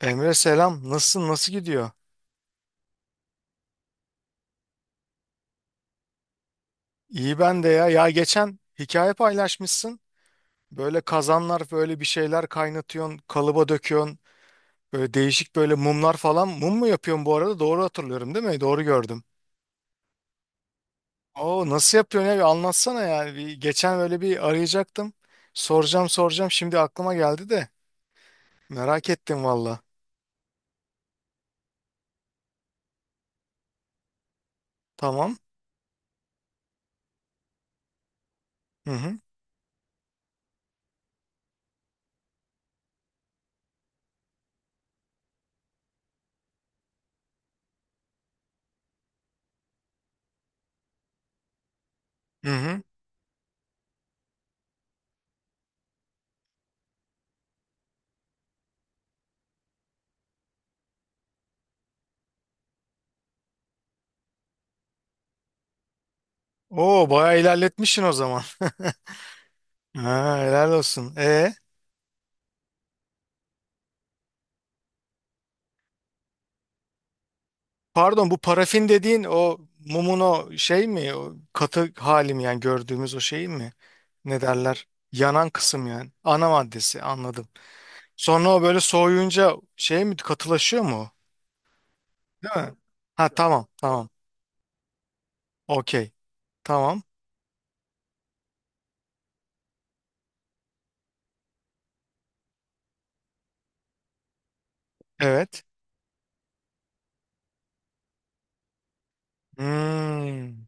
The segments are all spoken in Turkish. Emre selam. Nasılsın? Nasıl gidiyor? İyi ben de ya. Ya geçen hikaye paylaşmışsın. Böyle kazanlar böyle bir şeyler kaynatıyorsun, kalıba döküyorsun. Böyle değişik böyle mumlar falan. Mum mu yapıyorsun bu arada? Doğru hatırlıyorum değil mi? Doğru gördüm. Oo nasıl yapıyorsun ya? Bir anlatsana yani. Bir, geçen böyle bir arayacaktım. Soracağım soracağım. Şimdi aklıma geldi de. Merak ettim valla. Tamam. Hı hı. Hı hı. Oo bayağı ilerletmişsin o zaman. Ha, helal olsun. E? Pardon, bu parafin dediğin o mumun o şey mi? O katı hali mi, yani gördüğümüz o şey mi? Ne derler? Yanan kısım yani. Ana maddesi, anladım. Sonra o böyle soğuyunca şey mi, katılaşıyor mu o? Değil mi? Ha, tamam tamam. Okey. Tamam. Evet. Hmm,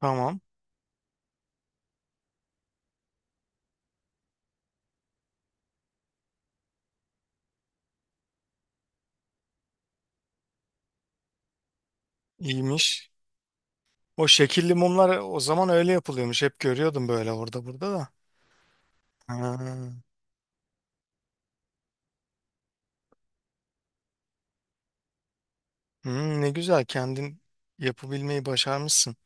tamam. İyiymiş. O şekilli mumlar o zaman öyle yapılıyormuş. Hep görüyordum böyle orada burada da. Ha. Hmm, ne güzel kendin yapabilmeyi başarmışsın.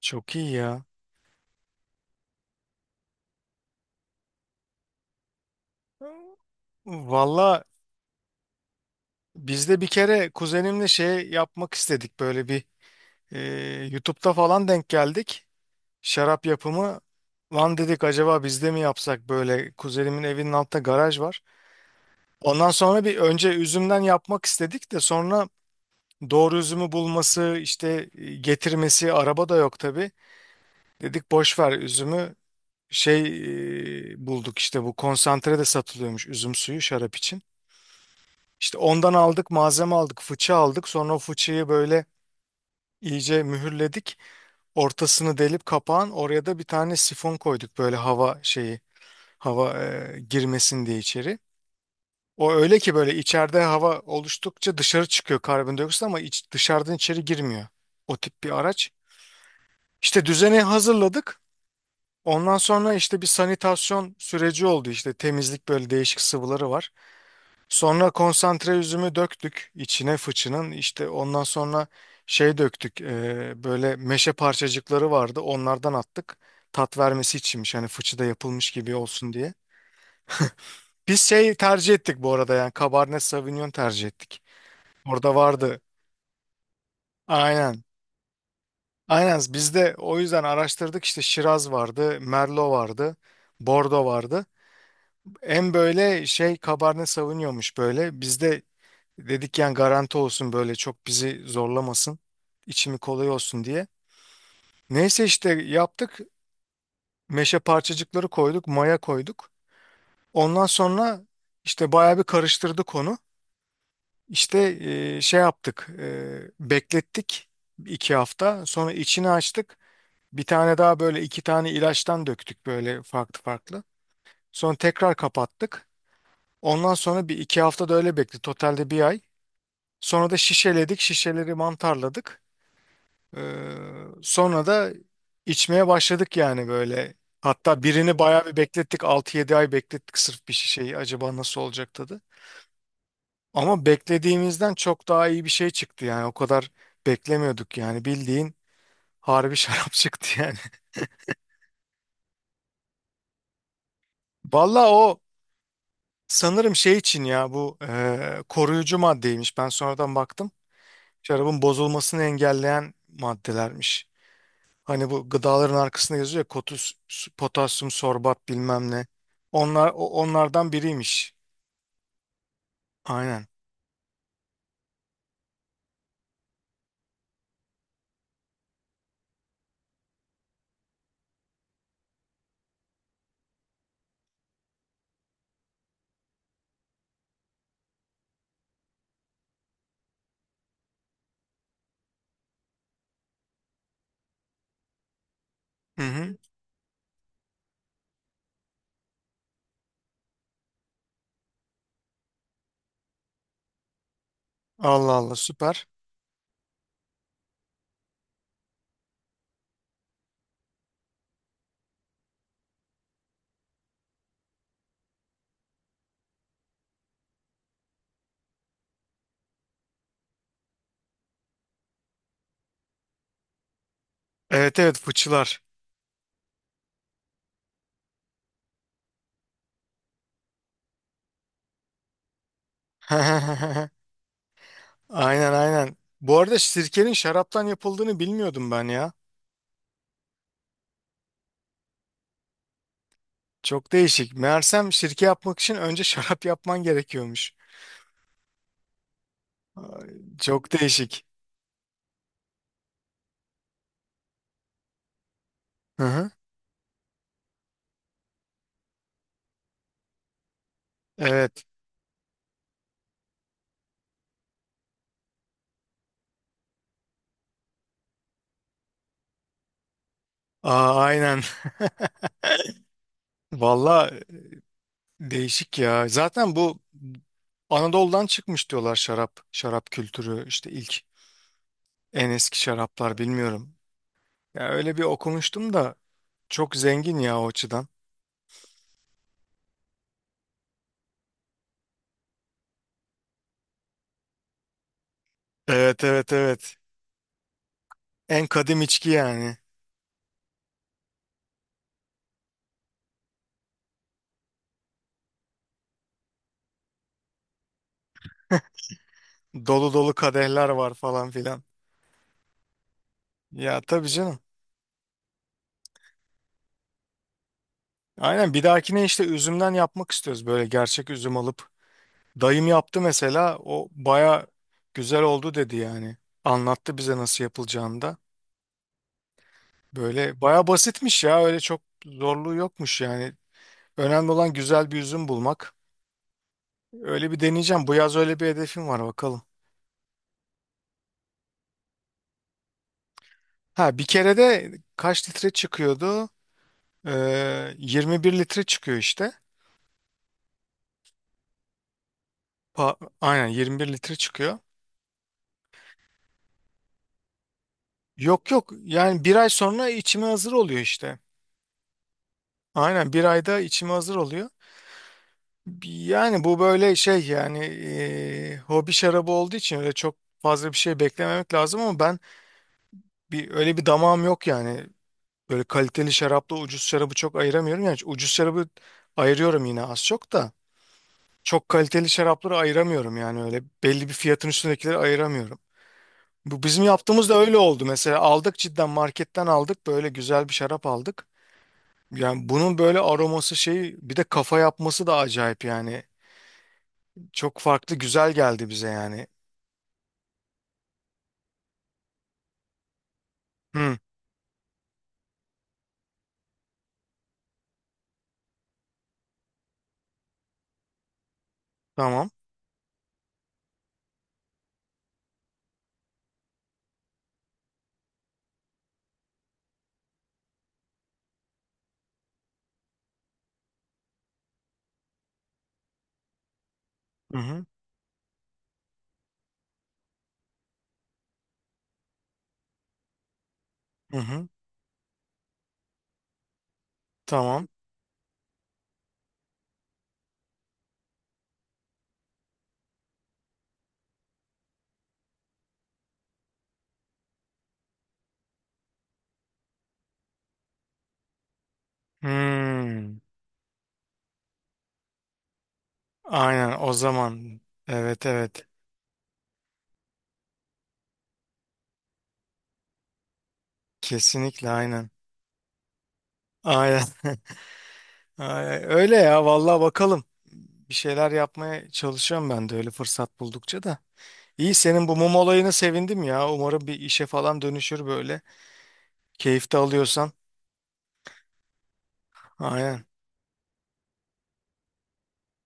Çok iyi ya. Valla biz de bir kere kuzenimle şey yapmak istedik, böyle bir e, YouTube'da falan denk geldik. Şarap yapımı, lan dedik acaba biz de mi yapsak, böyle kuzenimin evinin altında garaj var. Ondan sonra bir, önce üzümden yapmak istedik de sonra doğru üzümü bulması, işte getirmesi, araba da yok tabii. Dedik boş ver üzümü, şey, bulduk işte, bu konsantre de satılıyormuş, üzüm suyu şarap için. İşte ondan aldık, malzeme aldık, fıçı aldık. Sonra o fıçıyı böyle iyice mühürledik. Ortasını delip kapağın oraya da bir tane sifon koyduk, böyle hava şeyi, hava girmesin diye içeri. O öyle ki böyle içeride hava oluştukça dışarı çıkıyor karbondioksit, ama dışarıdan içeri girmiyor. O tip bir araç. İşte düzeni hazırladık. Ondan sonra işte bir sanitasyon süreci oldu, işte temizlik, böyle değişik sıvıları var. Sonra konsantre üzümü döktük içine fıçının, işte ondan sonra şey döktük, böyle meşe parçacıkları vardı, onlardan attık, tat vermesi içinmiş, hani fıçıda yapılmış gibi olsun diye. Biz şey tercih ettik bu arada, yani Cabernet Sauvignon tercih ettik. Orada vardı, aynen aynen biz de o yüzden araştırdık, işte Şiraz vardı, Merlot vardı, Bordeaux vardı. En böyle şey Cabernet Sauvignon'muş böyle bizde. Dedik yani garanti olsun, böyle çok bizi zorlamasın, içimi kolay olsun diye. Neyse işte yaptık. Meşe parçacıkları koyduk, maya koyduk. Ondan sonra işte bayağı bir karıştırdık onu. İşte şey yaptık, beklettik iki hafta. Sonra içini açtık. Bir tane daha, böyle iki tane ilaçtan döktük, böyle farklı farklı. Sonra tekrar kapattık. Ondan sonra bir iki hafta da öyle bekledik. Totalde bir ay. Sonra da şişeledik, şişeleri mantarladık. Ee, Sonra da içmeye başladık yani böyle. Hatta birini bayağı bir beklettik, altı yedi ay beklettik sırf bir şişeyi. Acaba nasıl olacak tadı. Ama beklediğimizden çok daha iyi bir şey çıktı yani. O kadar beklemiyorduk yani. Bildiğin harbi şarap çıktı yani. Valla o sanırım şey için ya, bu koruyucu maddeymiş. Ben sonradan baktım. Şarabın bozulmasını engelleyen maddelermiş. Hani bu gıdaların arkasında yazıyor ya, kotus, potasyum sorbat bilmem ne. Onlar onlardan biriymiş. Aynen. Hı hı. Allah Allah, süper. Evet evet, fıçılar. Aynen aynen. Bu arada sirkenin şaraptan yapıldığını bilmiyordum ben ya. Çok değişik. Meğersem sirke yapmak için önce şarap yapman gerekiyormuş. Ay, çok değişik. Hı hı. Evet. Aa, aynen. Valla değişik ya. Zaten bu Anadolu'dan çıkmış diyorlar şarap, şarap kültürü işte, ilk en eski şaraplar bilmiyorum. Ya öyle bir okumuştum da, çok zengin ya o açıdan. Evet evet evet. En kadim içki yani. Dolu dolu kadehler var falan filan. Ya tabii canım. Aynen, bir dahakine işte üzümden yapmak istiyoruz, böyle gerçek üzüm alıp. Dayım yaptı mesela, o baya güzel oldu dedi yani. Anlattı bize nasıl yapılacağını da. Böyle baya basitmiş ya, öyle çok zorluğu yokmuş yani. Önemli olan güzel bir üzüm bulmak. Öyle bir deneyeceğim. Bu yaz öyle bir hedefim var, bakalım. Ha bir kere de kaç litre çıkıyordu? 21 litre çıkıyor işte. Aynen 21 litre çıkıyor. Yok yok, yani bir ay sonra içime hazır oluyor işte. Aynen bir ayda içime hazır oluyor. Yani bu böyle şey yani, hobi şarabı olduğu için öyle çok fazla bir şey beklememek lazım, ama ben bir öyle bir damağım yok yani. Böyle kaliteli şarapla ucuz şarabı çok ayıramıyorum. Yani ucuz şarabı ayırıyorum yine, az çok da. Çok kaliteli şarapları ayıramıyorum yani, öyle belli bir fiyatın üstündekileri ayıramıyorum. Bu bizim yaptığımız da öyle oldu. Mesela aldık, cidden marketten aldık böyle güzel bir şarap aldık. Yani bunun böyle aroması şey, bir de kafa yapması da acayip yani. Çok farklı, güzel geldi bize yani. Hı, tamam. Hı hı, hı hı, tamam. Hmm, aynen o zaman. Evet evet. Kesinlikle aynen. Aynen. Aynen. Öyle ya, vallahi bakalım. Bir şeyler yapmaya çalışıyorum ben de öyle, fırsat buldukça da. İyi, senin bu mum olayına sevindim ya. Umarım bir işe falan dönüşür böyle. Keyif de alıyorsan. Aynen.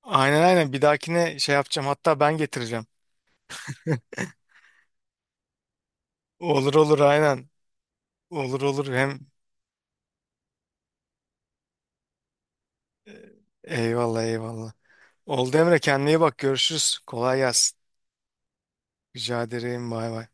Aynen aynen, bir dahakine şey yapacağım, hatta ben getireceğim. Olur olur aynen. Olur olur, hem eyvallah eyvallah. Oldu Emre, kendine iyi bak, görüşürüz. Kolay gelsin. Rica ederim, bay bay.